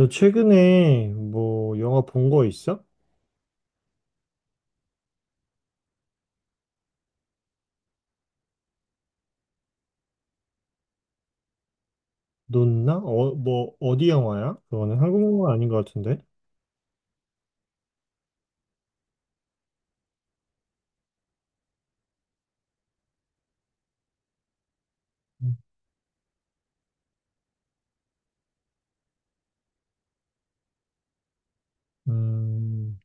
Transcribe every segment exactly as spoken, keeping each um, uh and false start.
너 최근에 뭐 영화 본 거 있어? 넌나? 어, 뭐 어디 영화야? 그거는 한국 영화 아닌 것 같은데. 음,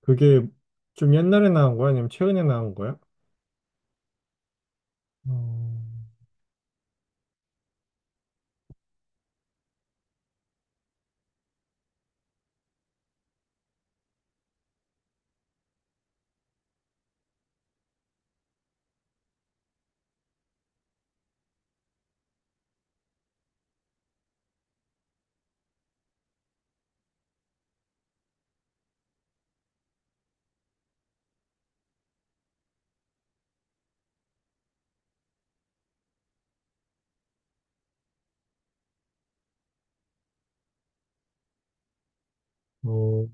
그게 좀 옛날에 나온 거야? 아니면 최근에 나온 거야? 어, 어,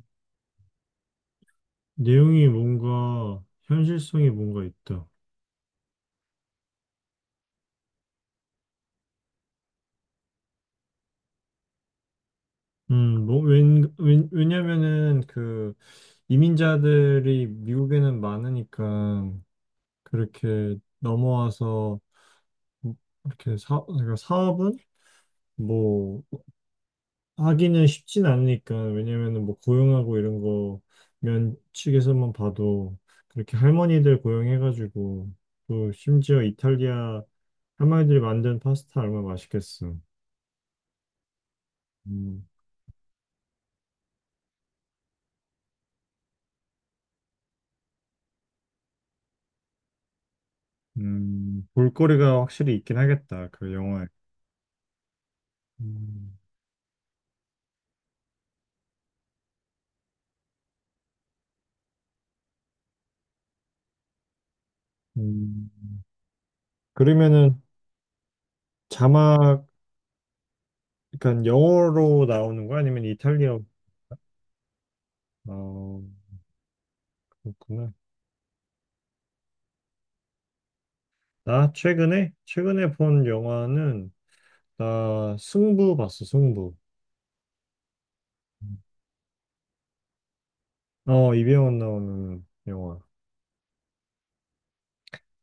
내용이 뭔가 현실성이 뭔가 있다. 음, 뭐, 웬, 웬, 왜냐면은 그 이민자들이 미국에는 많으니까 그렇게 넘어와서 이렇게 사, 그러니까 사업은 뭐 하기는 쉽진 않으니까, 왜냐면은 뭐 고용하고 이런 거, 면 측에서만 봐도 그렇게 할머니들 고용해가지고, 또 심지어 이탈리아 할머니들이 만든 파스타 얼마나 맛있겠어. 음, 음, 볼거리가 확실히 있긴 하겠다 그 영화에. 음, 음. 그러면은 자막, 그러니까 영어로 나오는 거야 아니면 이탈리아? 어, 그렇구나. 나 최근에 최근에 본 영화는, 나 승부 봤어, 승부. 어, 이병헌 나오는 영화.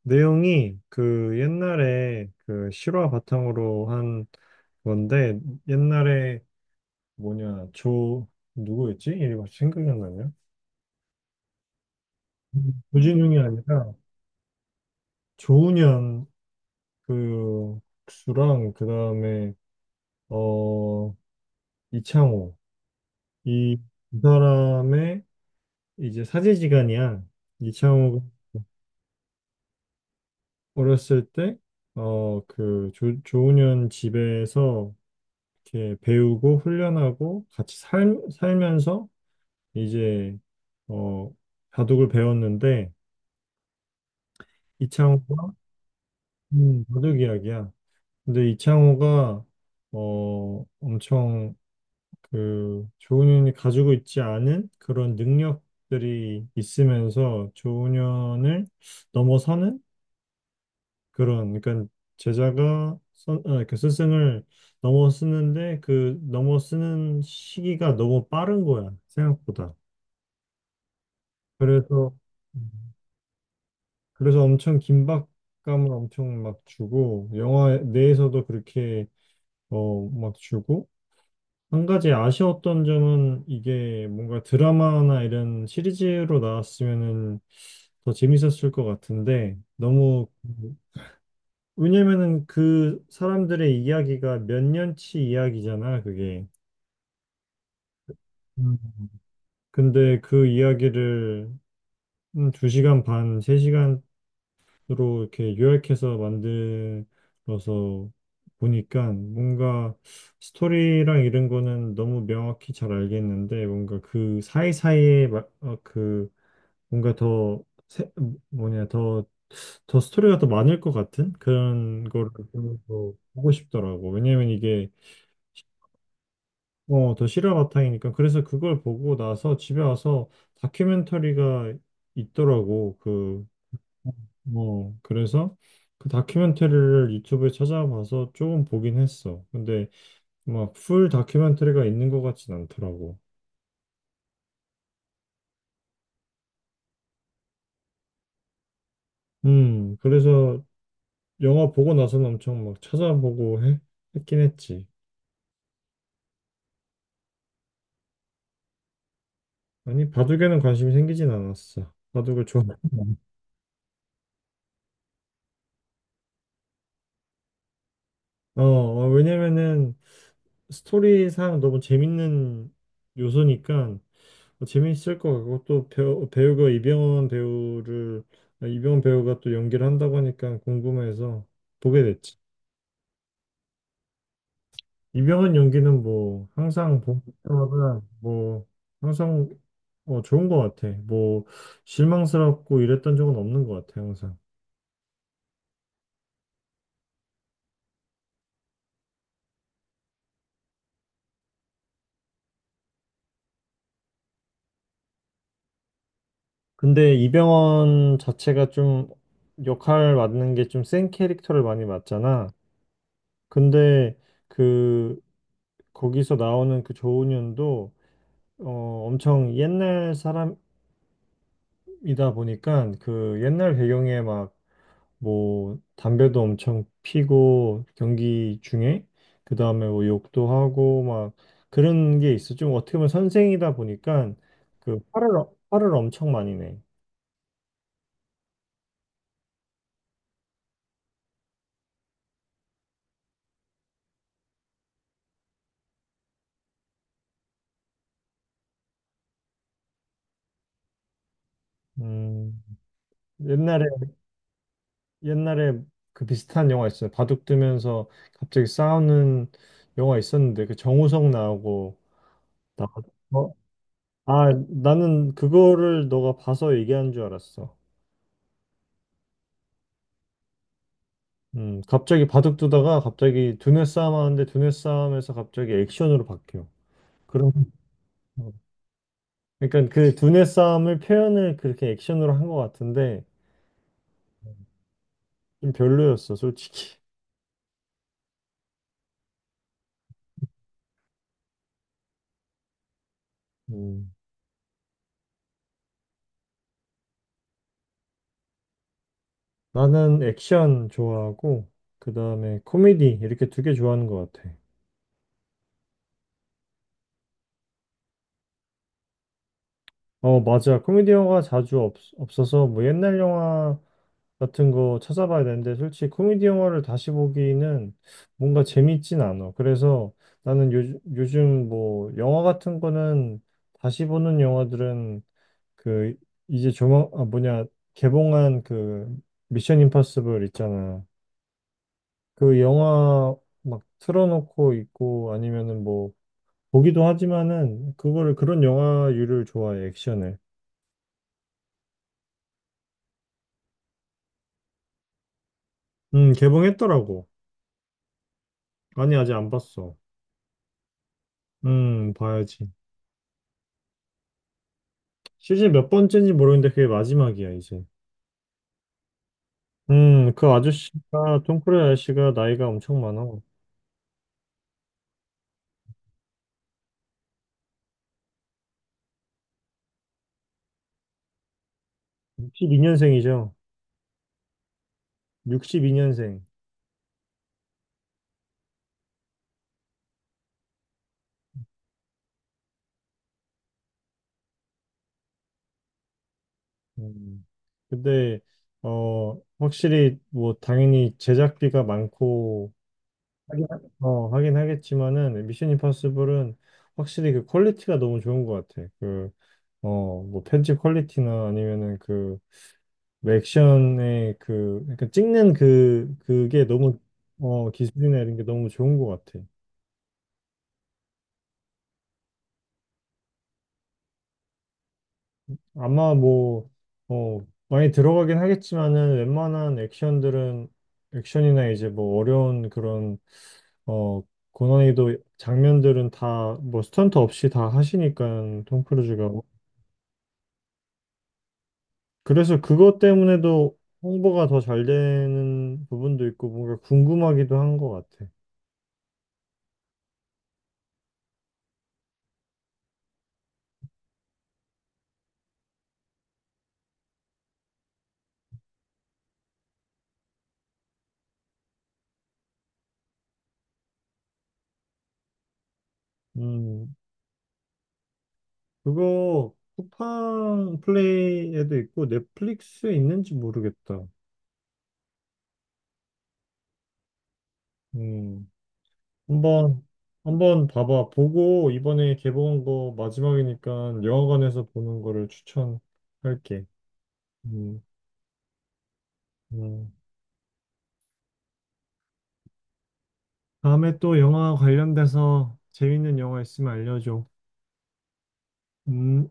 내용이 그 옛날에 그 실화 바탕으로 한 건데, 옛날에 뭐냐 조 누구였지? 이리이갑, 생각이 안 나냐? 음. 조진웅이 아니라 조훈현, 그 국수랑, 그 다음에 어 이창호, 이 두 사람의 이제 사제지간이야. 이창호가 어렸을 때 어 그 조훈현 집에서 이렇게 배우고 훈련하고 같이 살, 살면서 이제 어, 바둑을 배웠는데, 이창호가 음, 바둑 이야기야. 근데 이창호가 어, 엄청 그 조훈현이 가지고 있지 않은 그런 능력들이 있으면서 조훈현을 넘어서는, 그런, 그러니까 제자가 선, 아, 그 스승을 넘어서는데, 그 넘어서는 시기가 너무 빠른 거야, 생각보다. 그래서, 그래서 엄청 긴박감을 엄청 막 주고, 영화 내에서도 그렇게 어 막 주고. 한 가지 아쉬웠던 점은, 이게 뭔가 드라마나 이런 시리즈로 나왔으면은 더 재밌었을 것 같은데 너무, 왜냐면은 그 사람들의 이야기가 몇 년치 이야기잖아 그게. 음. 근데 그 이야기를 음, 시간 반, 세시간 로 이렇게 요약해서 만들어서 보니까, 뭔가 스토리랑 이런 거는 너무 명확히 잘 알겠는데, 뭔가 그 사이사이에 마- 어, 그 뭔가 더 세- 뭐냐, 더, 더 스토리가 더 많을 것 같은 그런 거를 보면서 보고 싶더라고. 왜냐면 이게 어, 더 실화 바탕이니까. 그래서 그걸 보고 나서 집에 와서 다큐멘터리가 있더라고. 그 어, 그래서 그 다큐멘터리를 유튜브에 찾아봐서 조금 보긴 했어. 근데 막 풀 다큐멘터리가 있는 것 같진 않더라고. 음, 그래서 영화 보고 나서는 엄청 막 찾아보고 해, 했긴 했지. 아니, 바둑에는 관심이 생기진 않았어. 바둑을 좋아. 어, 어, 왜냐면은 스토리상 너무 재밌는 요소니까 뭐 재미있을 것 같고, 또 배우, 배우가 이병헌 배우를, 아, 이병헌 배우가 또 연기를 한다고 하니까 궁금해서 보게 됐지. 이병헌 연기는, 뭐 항상 볼 때마다 뭐 항상 어, 좋은 것 같아. 뭐 실망스럽고 이랬던 적은 없는 것 같아, 항상. 근데 이병헌 자체가 좀 역할 맡는 게, 좀 센 캐릭터를 많이 맡잖아. 근데 그 거기서 나오는 그 조은현도 어, 엄청 옛날 사람, 이다 보니까, 그 옛날 배경에 막, 뭐 담배도 엄청 피고 경기 중에, 그 다음에 뭐 욕도 하고 막, 그런 게 있어. 좀 어떻게 보면 선생이다 보니까 그 화를 어, 화를 엄청 많이 내. 음 옛날에, 옛날에 그 비슷한 영화 있어요. 바둑 두면서 갑자기 싸우는 영화 있었는데, 그 정우성 나오고. 나. 어? 아, 나는 그거를 너가 봐서 얘기한 줄 알았어. 음, 갑자기 바둑 두다가, 갑자기 두뇌 싸움 하는데 두뇌 싸움에서 갑자기 액션으로 바뀌어. 그런. 어. 그러니까 그 두뇌 싸움을 표현을 그렇게 액션으로 한 것 같은데, 좀 별로였어, 솔직히. 음, 나는 액션 좋아하고, 그 다음에 코미디, 이렇게 두 개 좋아하는 것 같아. 어, 맞아. 코미디 영화가 자주 없, 없어서 뭐 옛날 영화 같은 거 찾아봐야 되는데, 솔직히 코미디 영화를 다시 보기는 뭔가 재밌진 않아. 그래서 나는 요, 요즘 뭐 영화 같은 거는, 다시 보는 영화들은 그 이제 조만 아 뭐냐, 개봉한 그 미션 임파서블 있잖아. 그 영화 막 틀어놓고 있고, 아니면은 뭐 보기도 하지만은, 그거를, 그런 영화류를 좋아해 액션을. 음 개봉했더라고. 아니, 아직 안 봤어. 음 봐야지. 시즌 몇 번째인지 모르겠는데 그게 마지막이야, 이제. 음, 그 아저씨가, 톰 크루즈 아저씨가 나이가 엄청 많아. 육이 년생이죠. 육이 년생. 음. 근데, 어, 확실히, 뭐, 당연히 제작비가 많고, 하긴, 하- 어, 하긴 하겠지만은, 미션 임파서블은 확실히 그 퀄리티가 너무 좋은 것 같아. 그, 어, 뭐, 편집 퀄리티나, 아니면은 그 왜 액션의 그 약간 찍는, 그 그게 너무, 어 기술이나 이런 게 너무 좋은 것 같아. 아마 뭐어 많이 들어가긴 하겠지만은, 웬만한 액션들은, 액션이나 이제 뭐 어려운 그런, 어 고난이도 장면들은 다 뭐 스턴트 없이 다 하시니까, 톰 크루즈가. 그래서 그것 때문에도 홍보가 더 잘 되는 부분도 있고, 뭔가 궁금하기도 한 것 같아. 음 그거 쿠팡 플레이에도 있고 넷플릭스에 있는지 모르겠다. 음, 한번 한번 봐봐. 보고 이번에 개봉한 거 마지막이니까 영화관에서 보는 거를 추천할게. 음, 음. 다음에 또 영화 관련돼서 재밌는 영화 있으면 알려줘. 음.